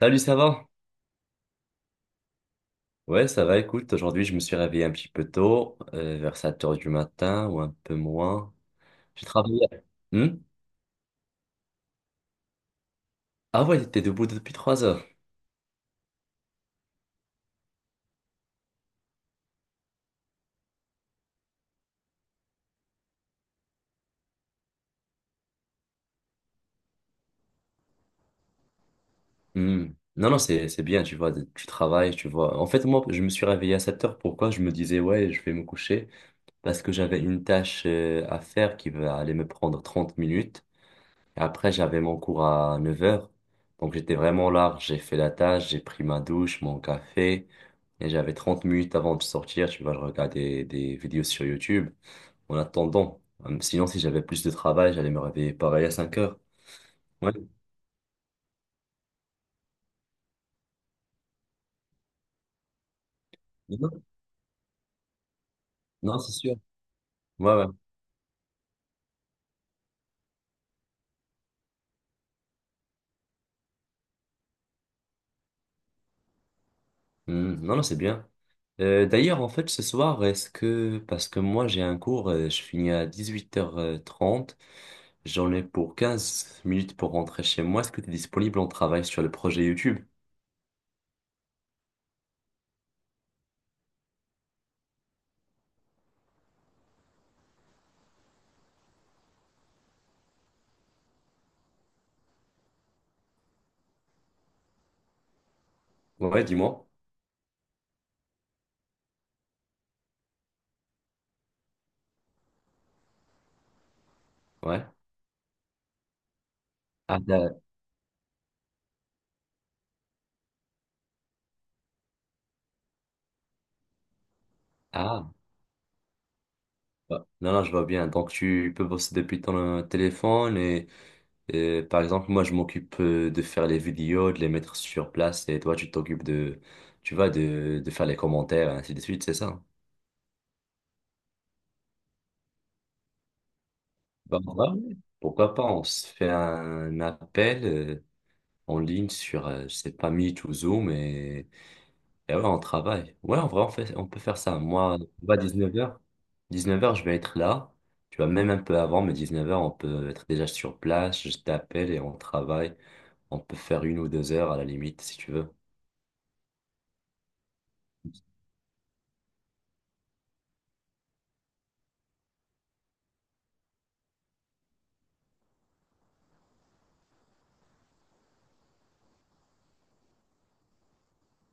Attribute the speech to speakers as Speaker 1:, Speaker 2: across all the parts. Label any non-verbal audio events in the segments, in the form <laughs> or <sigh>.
Speaker 1: Salut, ça va? Ouais, ça va, écoute, aujourd'hui je me suis réveillé un petit peu tôt, vers 7 heures du matin ou un peu moins. J'ai travaillé. Hmm. Ah ouais, t'étais debout depuis 3 heures. Hmm. Non, non, c'est bien, tu vois, tu travailles, tu vois. En fait, moi, je me suis réveillé à 7 heures. Pourquoi? Je me disais, ouais, je vais me coucher parce que j'avais une tâche à faire qui va aller me prendre 30 minutes. Et après, j'avais mon cours à 9 heures, donc j'étais vraiment large. J'ai fait la tâche, j'ai pris ma douche, mon café. Et j'avais 30 minutes avant de sortir. Tu vois, je regardais des vidéos sur YouTube en attendant. Sinon, si j'avais plus de travail, j'allais me réveiller pareil à 5 heures. Ouais. Non, non, c'est sûr. Ouais, ouais. Non, non, c'est bien. D'ailleurs, en fait, ce soir, est-ce que... Parce que moi, j'ai un cours, je finis à dix-huit heures trente. J'en ai pour 15 minutes pour rentrer chez moi. Est-ce que tu es disponible? On travaille sur le projet YouTube. Ouais, dis-moi. Ouais. Ah, ah. Ouais. Non, non, je vois bien. Donc, tu peux bosser depuis ton téléphone et, par exemple, moi, je m'occupe de faire les vidéos, de les mettre sur place et toi, tu t'occupes de, tu vois, de faire les commentaires et ainsi de suite, c'est ça? Bah, ouais. Pourquoi pas? On se fait un appel en ligne sur, je sais pas, Meet ou Zoom et ouais, on travaille. Ouais, en vrai, on fait, on peut faire ça. Moi, on va à 19h. 19h, je vais être là. Tu vois, même un peu avant, mais 19h, on peut être déjà sur place. Je t'appelle et on travaille. On peut faire une ou 2 heures à la limite, si tu veux.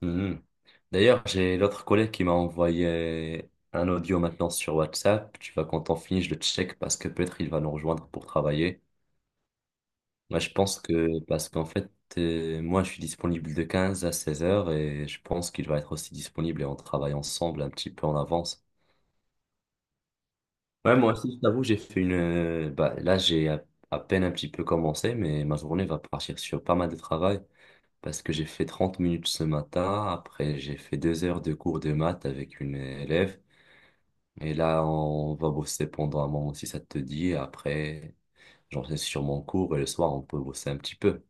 Speaker 1: Mhm. D'ailleurs, j'ai l'autre collègue qui m'a envoyé un audio maintenant sur WhatsApp. Tu vois, quand on finit, je le check parce que peut-être il va nous rejoindre pour travailler. Moi, je pense que, parce qu'en fait, moi, je suis disponible de 15 à 16 heures et je pense qu'il va être aussi disponible et on travaille ensemble un petit peu en avance. Ouais, moi aussi, je t'avoue, j'ai fait une. Bah, là, j'ai à peine un petit peu commencé, mais ma journée va partir sur pas mal de travail parce que j'ai fait 30 minutes ce matin. Après, j'ai fait 2 heures de cours de maths avec une élève. Et là, on va bosser pendant un moment si ça te dit. Après, j'en sais sur mon cours et le soir, on peut bosser un petit peu.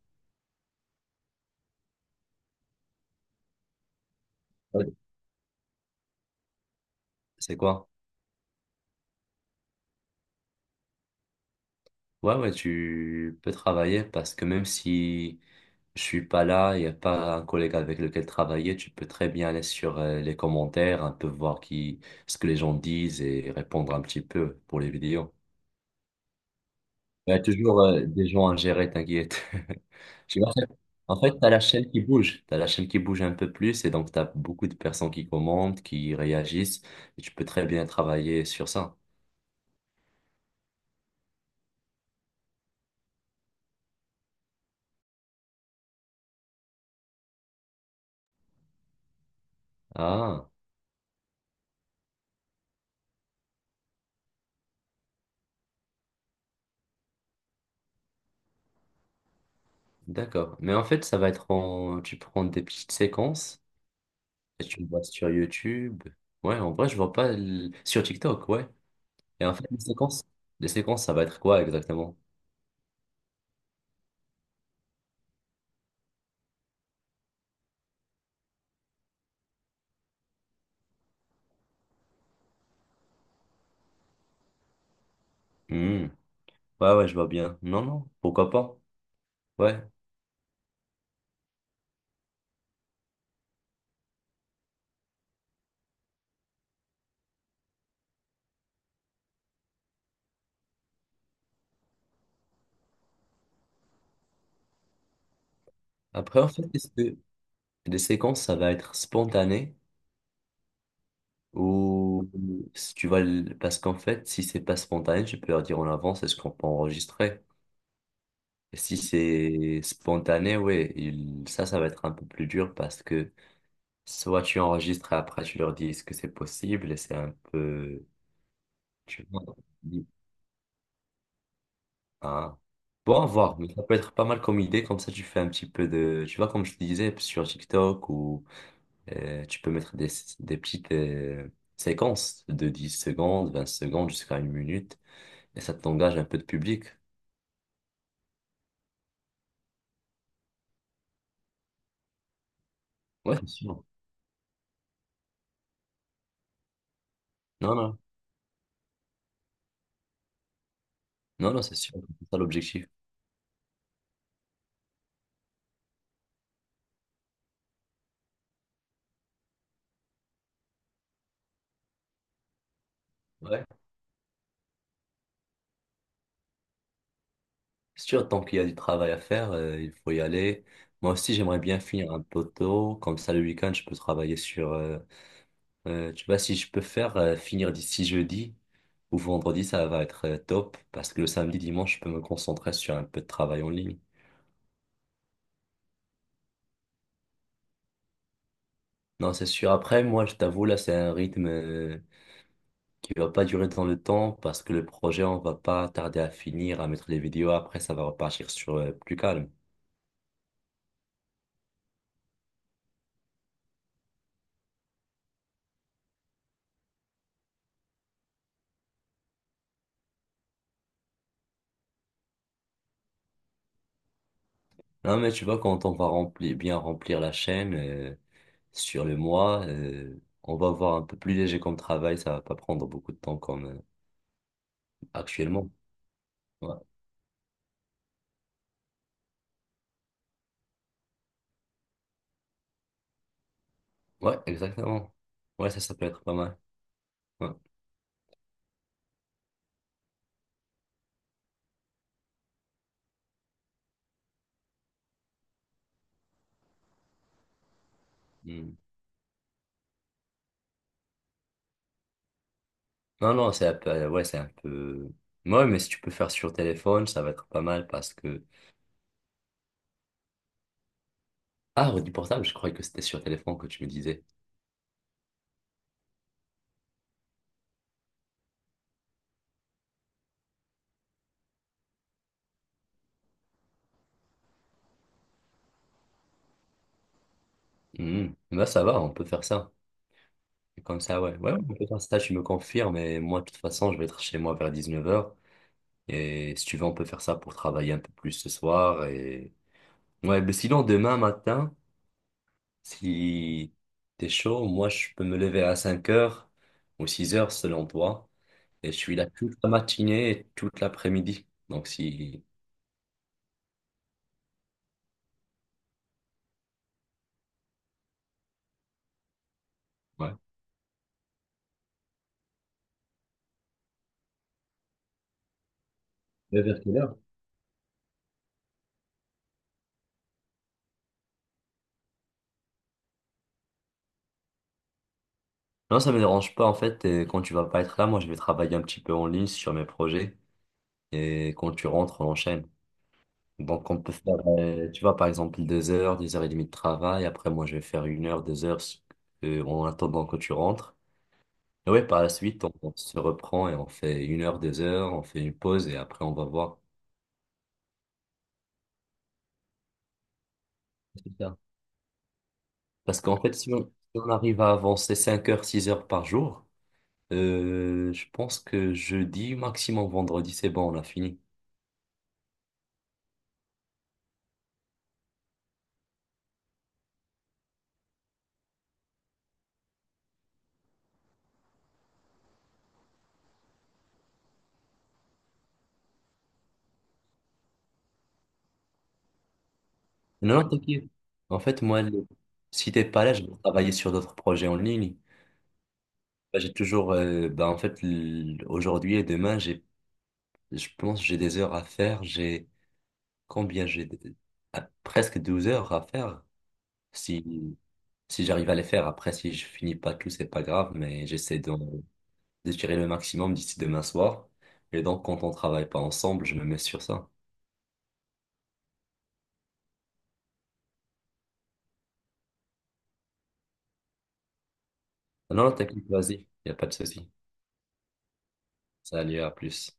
Speaker 1: Ouais. C'est quoi? Ouais, ouais, tu peux travailler parce que même si je suis pas là, il n'y a pas un collègue avec lequel travailler, tu peux très bien aller sur les commentaires, un peu voir qui, ce que les gens disent et répondre un petit peu pour les vidéos. Il y a toujours des gens à gérer, t'inquiète. <laughs> Je sais pas. En fait, tu as la chaîne qui bouge, tu as la chaîne qui bouge un peu plus et donc tu as beaucoup de personnes qui commentent, qui réagissent et tu peux très bien travailler sur ça. Ah, d'accord. Mais en fait, ça va être en... Tu prends des petites séquences. Tu le vois sur YouTube. Ouais, en vrai, je vois pas sur TikTok, ouais. Et en fait, les séquences, ça va être quoi exactement? Hmm. Ouais, ouais, je vois bien. Non, non, pourquoi pas? Ouais. Après, en fait, est-ce que les séquences, ça va être spontané ou si tu vas parce qu'en fait, si c'est pas spontané, tu peux leur dire en avance est-ce qu'on peut enregistrer. Et si c'est spontané, ouais, ça, ça va être un peu plus dur parce que soit tu enregistres et après tu leur dis est-ce que c'est possible et c'est un peu. Tu vois, tu dis, ah. Bon, à voir, mais ça peut être pas mal comme idée, comme ça tu fais un petit peu de, tu vois, comme je te disais, sur TikTok, ou tu peux mettre des, petites séquences de 10 secondes, 20 secondes, jusqu'à une minute, et ça t'engage un peu de public. Ouais, c'est sûr. Non, non, non, non, c'est sûr, c'est ça l'objectif. Ouais. C'est sûr, tant qu'il y a du travail à faire, il faut y aller. Moi aussi, j'aimerais bien finir un poteau, comme ça le week-end, je peux travailler sur. Tu vois, si je peux faire finir d'ici jeudi ou vendredi, ça va être top parce que le samedi, dimanche, je peux me concentrer sur un peu de travail en ligne. Non, c'est sûr. Après, moi, je t'avoue, là, c'est un rythme qui va pas durer dans le temps parce que le projet, on va pas tarder à finir, à mettre les vidéos. Après, ça va repartir sur plus calme. Non, mais tu vois, quand on va remplir, bien remplir la chaîne sur le mois, on va avoir un peu plus léger comme travail. Ça va pas prendre beaucoup de temps comme actuellement. Ouais. Ouais, exactement. Ouais, ça peut être pas mal. Ouais. Mm. Non, non, c'est un peu, ouais, c'est un peu. Ouais, mais si tu peux faire sur téléphone, ça va être pas mal parce que. Ah, redis portable, je croyais que c'était sur téléphone que tu me disais. Mm. Bah, ça va, on peut faire ça. Comme ça, ouais. Ouais, on peut faire ça, tu me confirmes. Et moi, de toute façon, je vais être chez moi vers 19h. Et si tu veux, on peut faire ça pour travailler un peu plus ce soir. Et... Ouais, mais sinon, demain matin, si t'es chaud, moi, je peux me lever à 5 heures ou 6 heures selon toi. Et je suis là toute la matinée et toute l'après-midi. Donc si... Ouais. Mais vers quelle heure? Non, ça me dérange pas en fait. Et quand tu vas pas être là, moi je vais travailler un petit peu en ligne sur mes projets. Et quand tu rentres, on enchaîne. Donc on peut faire, tu vois, par exemple, 2 heures, deux heures et demie de travail. Après, moi je vais faire une heure, deux heures en attendant que tu rentres. Et ouais, par la suite, on se reprend et on fait une heure, deux heures, on fait une pause et après on va voir. C'est ça. Parce qu'en fait, si on arrive à avancer 5 heures, 6 heures par jour, je pense que jeudi, maximum vendredi, c'est bon, on a fini. Non, non, t'inquiète. En fait, moi, si t'es pas là, je vais travailler sur d'autres projets en ligne. Bah, j'ai toujours, bah, en fait, aujourd'hui et demain, j'ai, je pense, que j'ai des heures à faire. J'ai combien? J'ai presque 12 heures à faire. Si, si j'arrive à les faire, après, si je finis pas tout, c'est pas grave, mais j'essaie de, tirer le maximum d'ici demain soir. Et donc, quand on travaille pas ensemble, je me mets sur ça. Non, non, t'inquiète, vas-y, il n'y a pas de souci. Salut, à plus.